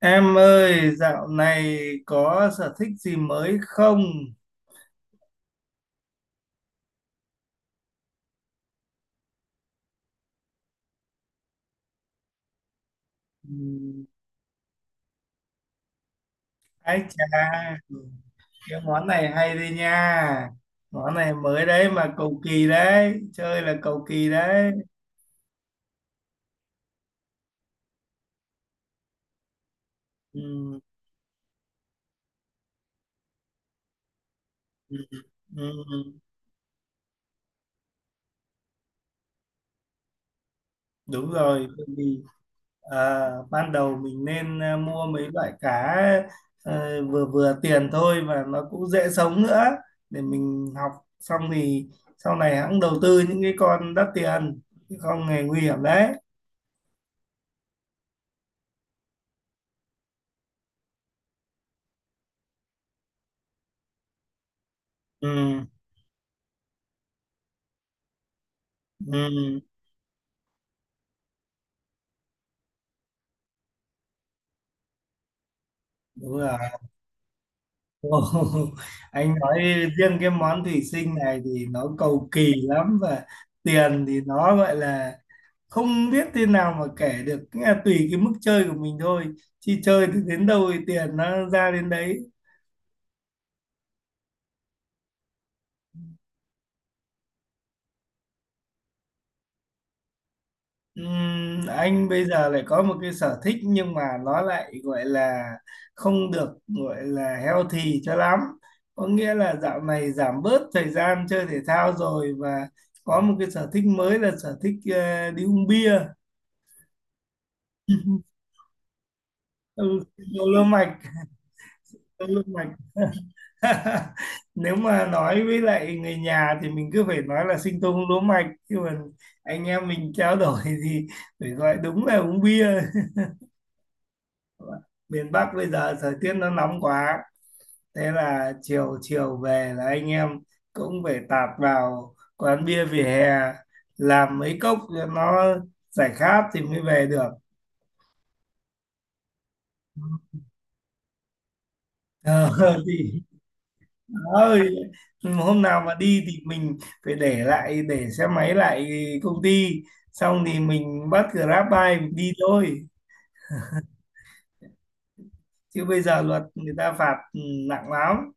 Em ơi, dạo này có sở thích gì mới không? Ừm. Ái chà, cái món này hay đi nha. Món này mới đấy mà cầu kỳ đấy, chơi là cầu kỳ đấy. Ừm. Ừm. Ừm. Đúng rồi, cầu kỳ. Ờ, ban đầu mình nên mua mấy loại cá vừa vừa tiền thôi, và nó cũng dễ sống nữa để mình học. Xong thì sau này hãng đầu tư những cái con đắt tiền, chứ không hề nguy hiểm đấy. Ừ. Ừ. đúng rồi. Ồ, anh nói riêng cái món thủy sinh này thì nó cầu kỳ lắm, và tiền thì nó gọi là không biết thế nào mà kể được. Nghĩa là tùy cái mức chơi của mình thôi, chi chơi thì đến đâu thì tiền nó ra đến đấy. Anh bây giờ lại có một cái sở thích nhưng mà nó lại gọi là không được gọi là healthy cho lắm. Có nghĩa là dạo này giảm bớt thời gian chơi thể thao rồi, và có một cái sở thích mới là sở thích đi uống bia. Ừ, đau lương mạch, đau lương mạch. Nếu mà nói với lại người nhà thì mình cứ phải nói là sinh tông lúa mạch. Nhưng mà anh em mình trao đổi thì phải gọi đúng là uống bia. Miền Bắc bây giờ thời tiết nó nóng quá, thế là chiều chiều về là anh em cũng phải tạt vào quán bia vỉa hè làm mấy cốc cho nó giải khát thì mới về được. Ờ, thì ơi, hôm nào mà đi thì mình phải để lại, để xe máy lại công ty, xong thì mình bắt Grab bike mình đi thôi. Chứ bây giờ luật người ta phạt nặng lắm,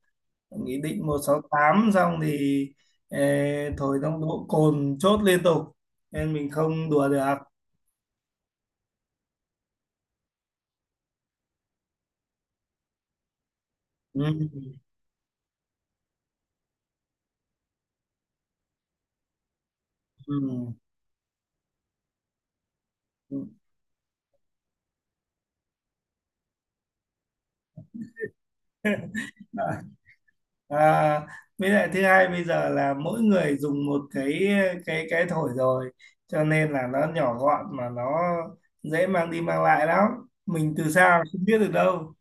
nghị định 168, xong thì ờ, thổi nồng độ cồn chốt liên tục nên mình không đùa được. Ừ. Ừ. Ừ. Đấy. À, với lại thứ hai bây giờ là mỗi người dùng một cái thổi rồi, cho nên là nó nhỏ gọn mà nó dễ mang đi mang lại lắm, mình từ xa không biết được đâu.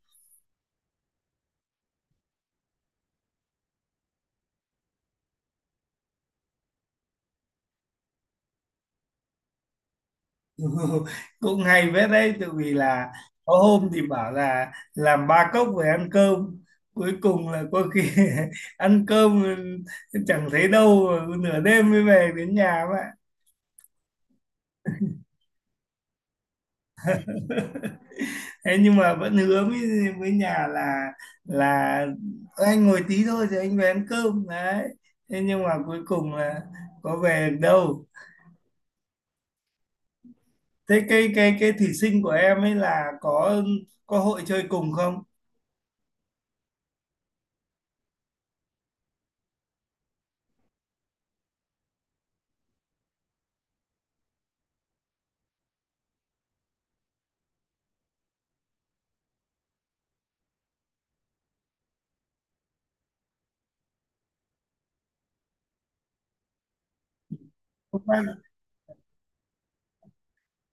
Cũng hay phết đấy, tự vì là có hôm thì bảo là làm ba cốc về ăn cơm, cuối cùng là có khi ăn cơm chẳng thấy đâu, nửa đêm mới về đến nhà vậy. Thế nhưng mà vẫn hứa với nhà là là "Ơ, anh ngồi tí thôi rồi anh về ăn cơm đấy." Thế nhưng mà cuối cùng là có về được đâu. Thế cái thí sinh của em ấy là có hội chơi cùng không?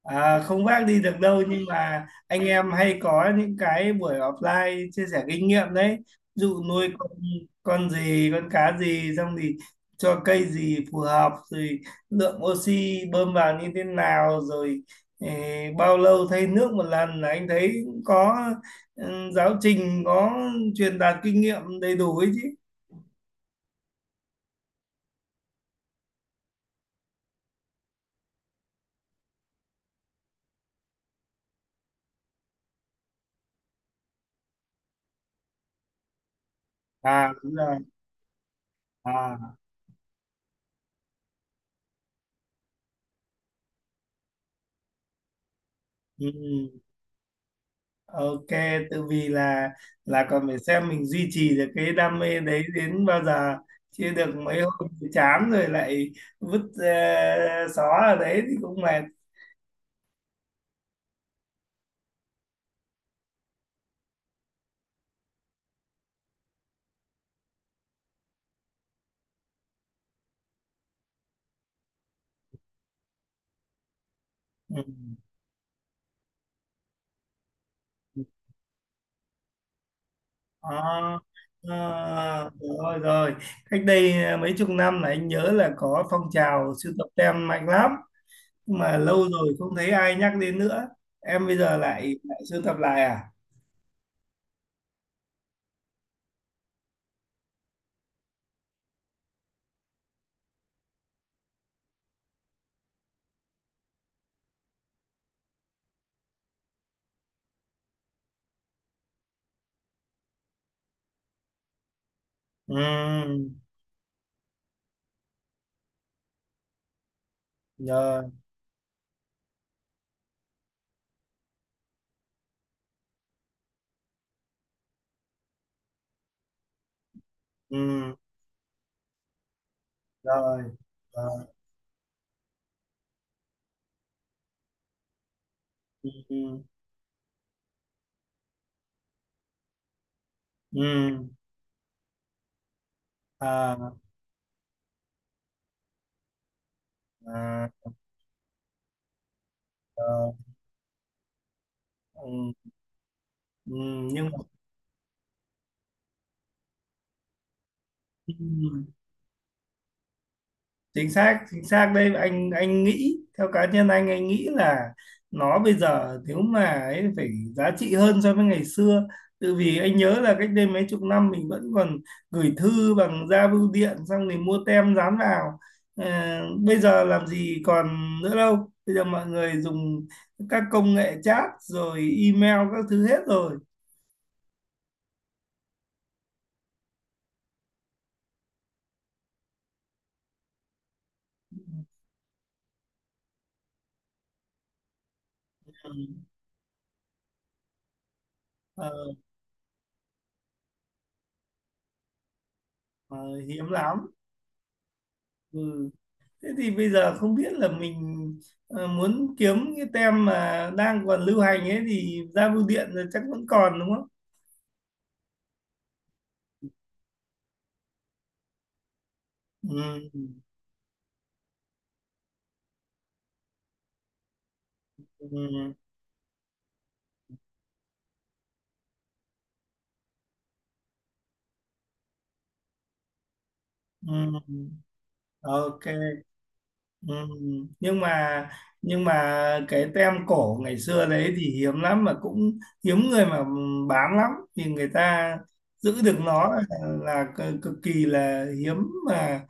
À, không vác đi được đâu, nhưng mà anh em hay có những cái buổi offline chia sẻ kinh nghiệm đấy. Ví dụ nuôi con gì, con cá gì, xong thì cho cây gì phù hợp rồi, lượng oxy bơm vào như thế nào rồi bao lâu thay nước một lần là anh thấy cũng có, giáo trình có, truyền đạt kinh nghiệm đầy đủ ấy chứ. À, đúng rồi. À. Ừ. Ok, tự vì là còn phải xem mình duy trì được cái đam mê đấy đến bao giờ. Chưa được mấy hôm thì chán rồi, lại vứt xó ở đấy thì cũng mệt. Ừ. Đó. Ờ, rồi rồi. Cách đây mấy chục năm là anh nhớ là có phong trào sưu tập tem mạnh lắm. Nhưng mà lâu rồi không thấy ai nhắc đến nữa. Em bây giờ lại lại sưu tập lại à? Ừ. Rồi. Ừ. Rồi. Rồi. Ừ. Ừ. Ừ. À. À. Ờ. Ừ. Ừ. Nhưng mà chính xác, chính xác đây, anh nghĩ theo cá nhân, anh nghĩ là nó bây giờ nếu mà ấy phải giá trị hơn so với ngày xưa, tự vì anh nhớ là cách đây mấy chục năm mình vẫn còn gửi thư bằng ra bưu điện xong thì mua tem dán vào. Ờ, bây giờ làm gì còn nữa đâu, bây giờ mọi người dùng các công nghệ chat rồi email các thứ hết rồi. Ừ. Ờ. Ờ, hiếm lắm. Ừ. Thế thì bây giờ không biết là mình muốn kiếm cái tem mà đang còn lưu hành ấy thì ra bưu điện rồi chắc vẫn còn, đúng không? Ừ. Ừ. Ừ. Ok. Ừ. Nhưng mà nhưng mà cái tem cổ ngày xưa đấy thì hiếm lắm, mà cũng hiếm người mà bán lắm, thì người ta giữ được nó là, cực kỳ là hiếm, mà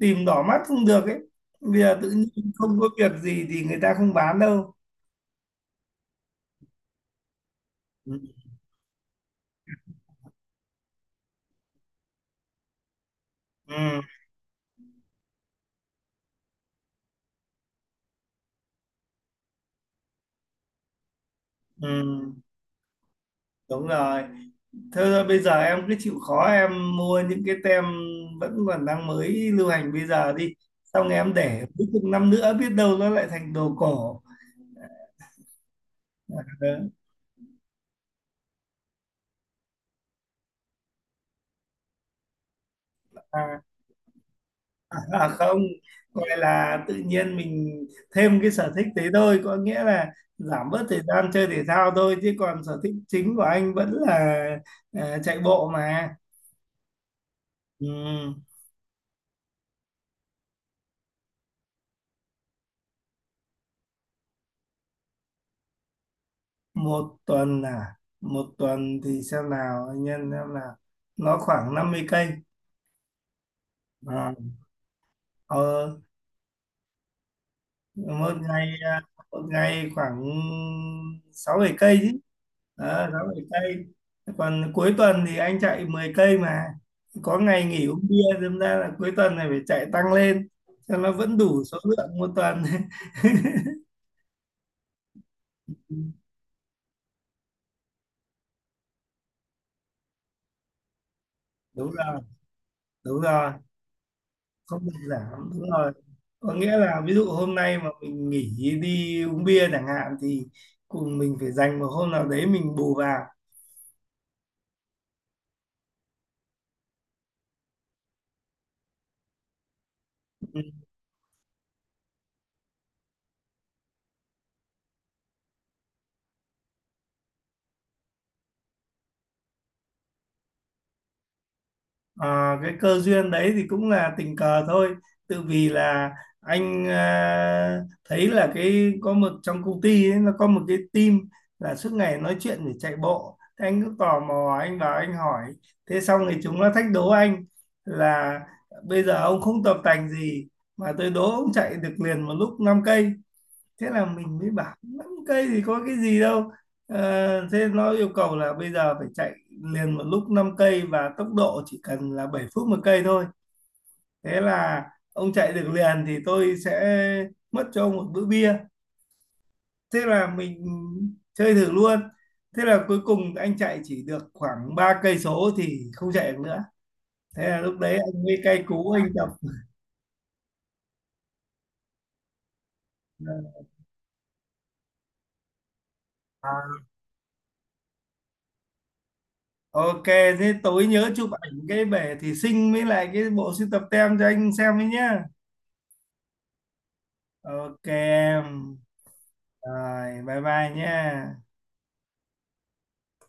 tìm đỏ mắt không được ấy. Bây giờ tự nhiên không có việc gì thì người ta không bán đâu. Ừ. Ừ. Ừ. Đúng rồi. Thế thôi bây giờ em cứ chịu khó em mua những cái tem vẫn còn đang mới lưu hành bây giờ đi, xong em để cuối cùng năm nữa biết đâu nó lại thành đồ cổ. Đó. à, À không, gọi là tự nhiên mình thêm cái sở thích đấy thôi, có nghĩa là giảm bớt thời gian chơi thể thao thôi, chứ còn sở thích chính của anh vẫn là chạy bộ mà. Ừ. Một tuần à? Một tuần thì xem nào, anh nhân xem nào, nó khoảng 50 cây. À. ờ, Một ngày à? Một ngày khoảng 6-7 cây chứ. Ờ, 6-7 cây. Còn cuối tuần thì anh chạy 10 cây mà, có ngày nghỉ uống bia đâm ra là cuối tuần này phải chạy tăng lên cho nó vẫn đủ số lượng một tuần. Đúng rồi, đúng rồi, không được giảm, đúng rồi. Có nghĩa là ví dụ hôm nay mà mình nghỉ đi uống bia chẳng hạn thì cùng mình phải dành một hôm nào đấy mình bù vào. Ừ. Ờ, cái cơ duyên đấy thì cũng là tình cờ thôi, tự vì là anh thấy là cái có một trong công ty ấy, nó có một cái team là suốt ngày nói chuyện để chạy bộ. Thế anh cứ tò mò anh vào anh hỏi, thế xong thì chúng nó thách đố anh là bây giờ ông không tập tành gì mà tôi đố ông chạy được liền một lúc 5 cây. Thế là mình mới bảo 5 cây thì có cái gì đâu. Ờ, thế nó yêu cầu là bây giờ phải chạy liền một lúc 5 cây, và tốc độ chỉ cần là 7 phút 1 cây thôi. Thế là ông chạy được liền thì tôi sẽ mất cho ông một bữa bia. Thế là mình chơi thử luôn. Thế là cuối cùng anh chạy chỉ được khoảng 3 cây số thì không chạy được nữa. Thế là lúc đấy anh mới cay cú anh tập. À, ok, thế tối nhớ chụp ảnh cái bể thủy sinh với lại cái bộ sưu tập tem cho anh xem đấy nhá. Ok em. Rồi, bye bye nhá.